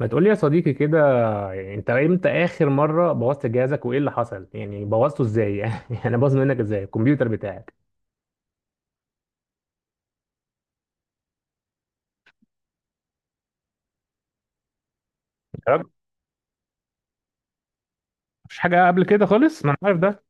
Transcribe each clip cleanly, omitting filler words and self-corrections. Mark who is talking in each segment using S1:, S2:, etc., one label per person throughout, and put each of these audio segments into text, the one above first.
S1: ما تقولي يا صديقي كده. يعني انت امتى اخر مره بوظت جهازك وايه اللي حصل؟ يعني بوظته ازاي؟ يعني انا باظ منك ازاي الكمبيوتر بتاعك؟ يا راجل. مفيش حاجه قبل كده خالص، ما انا عارف ده.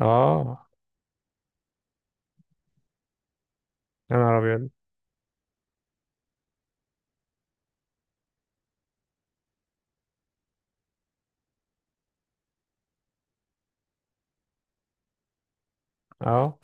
S1: اه. يا نهار ابيض. اه.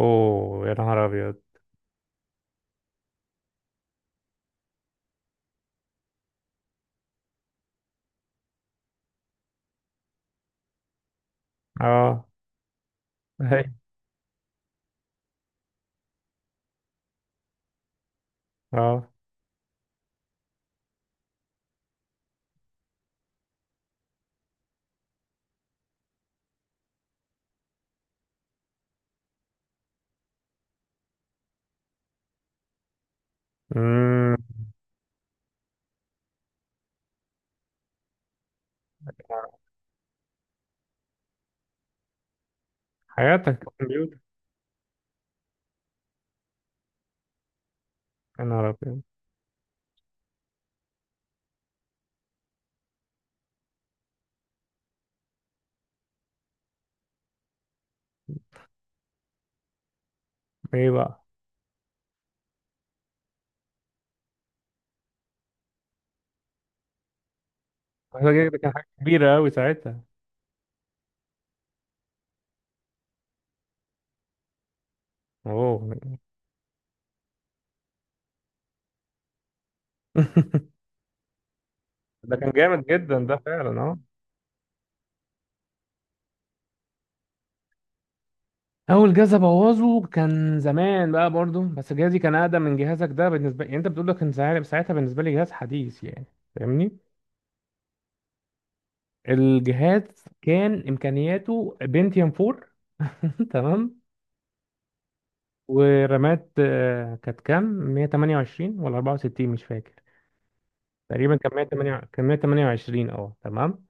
S1: اوه، يا نهار ابيض. اه. هي. اه. امم. حياتك الكمبيوتر. يا نهار ابيض. ايه بقى؟ ده كان حاجه كبيره قوي ساعتها. اوه. ده كان جامد جدا ده فعلا، آه. اول جهاز ابوظه كان زمان بقى، برضو بس جهازي كان اقدم من جهازك ده. بالنسبه، يعني انت بتقول لك كان ساعتها، ساعتها بالنسبه لي جهاز حديث يعني. فاهمني. الجهاز كان امكانياته بنتيوم 4. تمام. ورامات كانت كام؟ 128 ولا 64؟ مش فاكر. تقريبا كان 128، كان 128. اه تمام.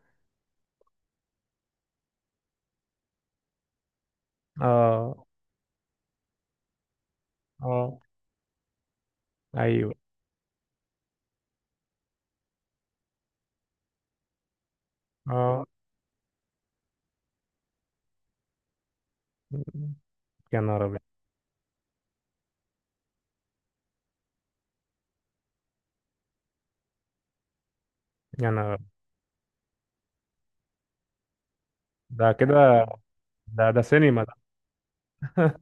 S1: اه. اه. ايوه. اه. يا نهار ابيض. يا نهار أبيض. ده كده. ده سينما ده.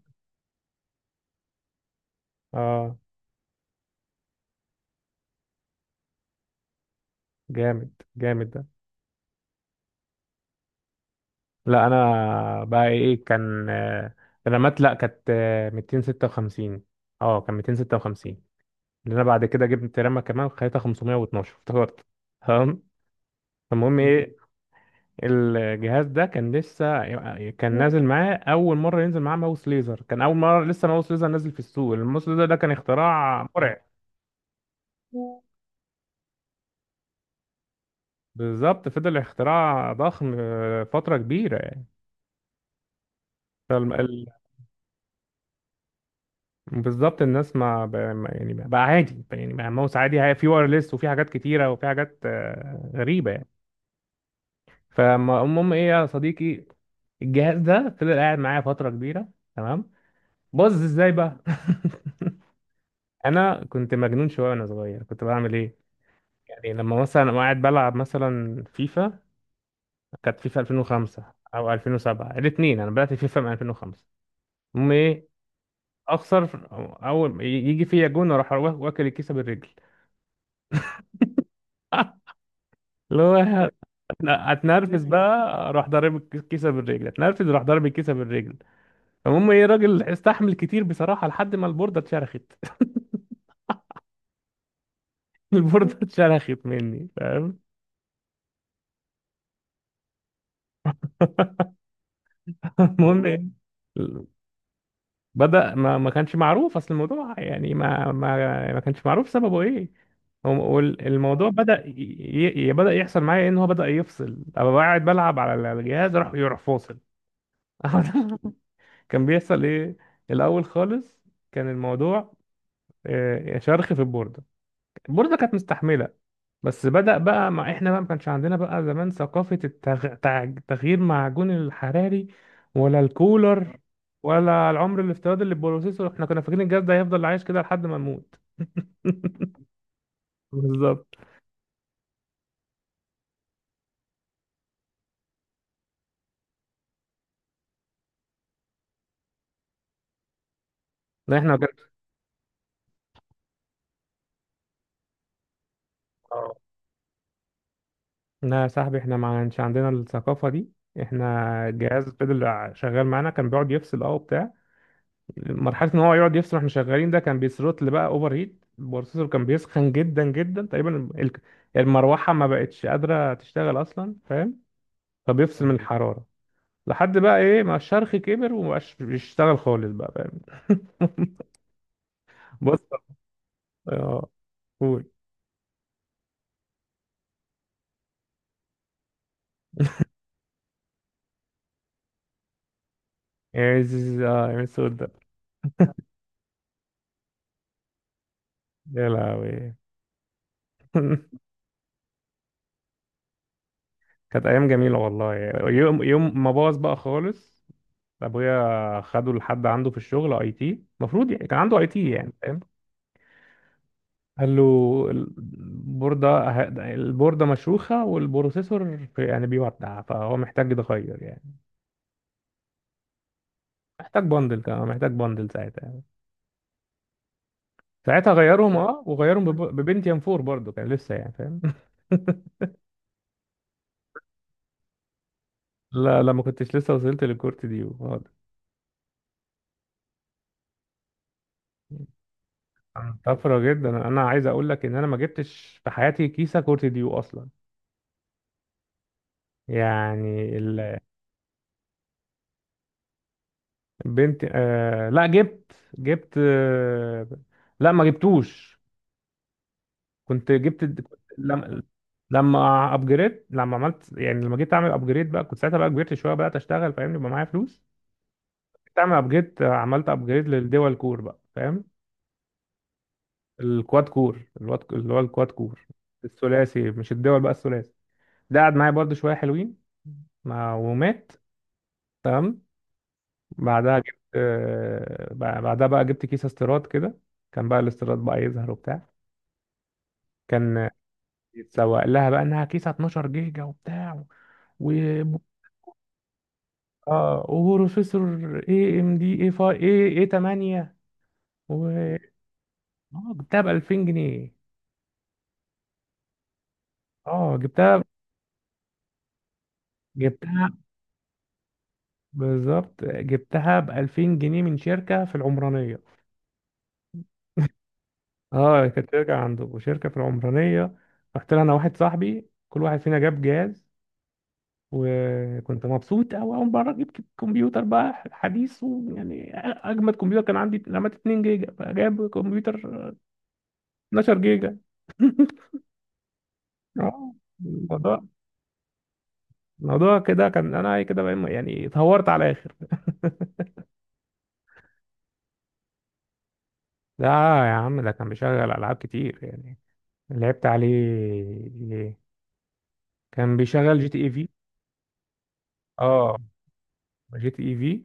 S1: اه. جامد جامد. لا انا بقى ايه كان، رامات، لا كانت 256. اه كان 256. لان انا بعد كده جبت رامة كمان خليتها 512 افتكرت. تمام. فالمهم ايه؟ الجهاز ده كان لسه كان نازل معاه، اول مره ينزل معاه ماوس ليزر. كان اول مره لسه ماوس ليزر نازل في السوق. الماوس ليزر ده كان اختراع مرعب. بالظبط، فضل اختراع ضخم فتره كبيره. بالظبط الناس ما ب- ما- يعني بقى عادي، يعني بقى ماوس عادي. في وايرلس وفي حاجات كتيرة وفي حاجات غريبة يعني. فالمهم ايه يا صديقي؟ الجهاز ده فضل قاعد معايا فترة كبيرة. تمام. باظ ازاي بقى؟ انا كنت مجنون شوية وانا صغير، كنت بعمل ايه؟ يعني لما مثلا أبقى قاعد بلعب مثلا فيفا، كانت فيفا 2005 او 2007، الاثنين انا بدأت فيفا من 2005. المهم ايه؟ اخسر، اول يجي فيا جون اروح واكل الكيسة بالرجل. اللي هو. لا اتنرفز بقى. راح ضارب الكيسه بالرجل، اتنرفز راح ضارب الكيسه بالرجل. فالمهم ايه؟ الراجل استحمل كتير بصراحه لحد ما البورده اتشرخت. البورده اتشرخت مني، فاهم؟ المهم ايه؟ بدأ، ما كانش معروف اصل الموضوع يعني، ما كانش معروف سببه ايه. والموضوع بدأ بدأ يحصل معايا ايه، ان هو بدأ يفصل. ابقى قاعد بلعب على الجهاز اروح، يروح فاصل. كان بيحصل ايه الاول خالص؟ كان الموضوع شرخ في البوردة. البورصه كانت مستحمله، بس بدأ بقى. مع احنا بقى ما كانش عندنا بقى زمان ثقافه تغيير معجون الحراري ولا الكولر ولا العمر الافتراضي للبروسيسور. احنا كنا فاكرين الجهاز ده هيفضل عايش كده لحد ما نموت. بالظبط. لا احنا كده. لا يا صاحبي، احنا ما كانش عندنا الثقافه دي. احنا الجهاز فضل شغال معانا، كان بيقعد يفصل وبتاع. مرحله ان هو يقعد يفصل واحنا شغالين، ده كان بيثروتل بقى، اوفر هيت. البروسيسور كان بيسخن جدا جدا، تقريبا المروحه ما بقتش قادره تشتغل اصلا، فاهم؟ فبيفصل من الحراره لحد بقى ايه ما الشرخ كبر ومبقاش بيشتغل خالص بقى، فاهم؟ بص. اه. قول. يا زيز- اه يا الصوت ده. يا لهوي. كانت ايام جميله والله. يوم يوم ما باظ بقى خالص، ابويا خده لحد عنده في الشغل، اي تي المفروض، يعني كان عنده اي تي يعني فاهم. قال له البوردة البوردة مشروخة والبروسيسور يعني بيودع، فهو محتاج يتغير يعني. محتاج بندل، كمان محتاج بندل ساعتها يعني. ساعتها غيرهم وغيرهم ببنتيوم 4 برضه، كان لسه يعني فاهم. لا لا، ما كنتش لسه وصلت للكورت دي خالص. كان طفرة جدا، انا عايز اقول لك ان انا ما جبتش في حياتي كيسة كورت ديو اصلا، يعني. البنت لا جبت، جبت لا ما جبتوش. كنت جبت، كنت لما ابجريد، لما عملت، يعني لما جيت اعمل ابجريد بقى كنت ساعتها بقى، كبرت شويه بدات اشتغل فاهمني، يبقى معايا فلوس. جيت اعمل ابجريد، عملت ابجريد للدول كور بقى فاهم. الكواد كور، الواد اللي هو الكواد كور الثلاثي، مش الدول بقى الثلاثي. ده قعد معايا برضه شويه حلوين ما ومات. تمام. بعدها جبت بعدها بقى جبت كيس استيراد كده. كان بقى الاستيراد بقى يظهر وبتاع. كان يتسوق لها بقى انها كيسه 12 جيجا وبتاع. اه وبروسيسور اي ام دي اي 5 اي اي 8، و اه جبتها ب 2000 جنيه. اه جبتها جبتها بالظبط جبتها ب 2000 جنيه من شركه في العمرانيه. اه كانت شركه، عنده شركه في العمرانيه. رحت لها انا واحد صاحبي، كل واحد فينا جاب جهاز. وكنت مبسوط أوي، أول مرة جبت كمبيوتر بقى حديث ويعني أجمد كمبيوتر. كان عندي رامات 2 جيجا، فجاب كمبيوتر 12 جيجا. اه الموضوع، الموضوع كده كان، انا كده يعني اتهورت على الاخر. ده يا عم ده كان بيشغل العاب كتير يعني. لعبت عليه، كان بيشغل جي تي اي في. اه جي تي اي في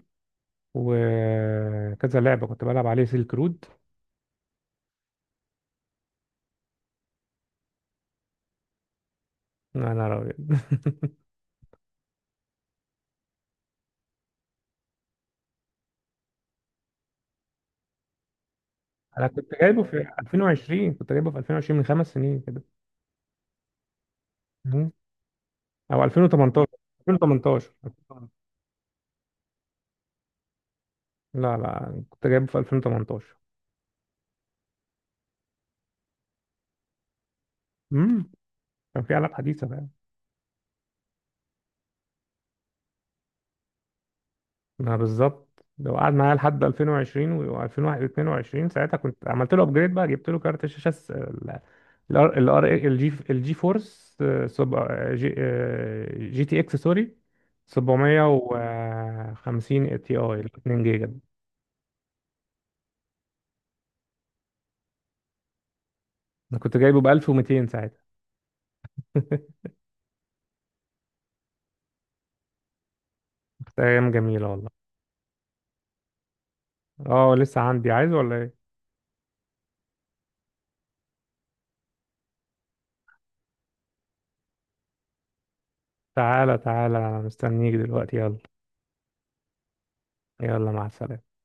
S1: وكذا لعبه كنت بلعب عليه سيلك رود. انا راجل. انا كنت جايبه في 2020، كنت جايبه في 2020 من 5 سنين كده. مم. او 2018. 2018. لا لا، كنت جايبه في 2018. امم كان في العاب حديثه. ما بالظبط، لو قعد معايا لحد 2020 و2022 ساعتها كنت عملت له ابجريد بقى، جبت له كارت شاشه الار الجي فورس جي جي تي اكس، سوري، 750 تي اي 2 جيجا. انا كنت جايبه ب 1200 ساعتها. كانت ايام جميله والله. اه لسه عندي، عايز ولا ايه؟ تعالى تعالى انا مستنيك دلوقتي يلا. يلا مع السلامه.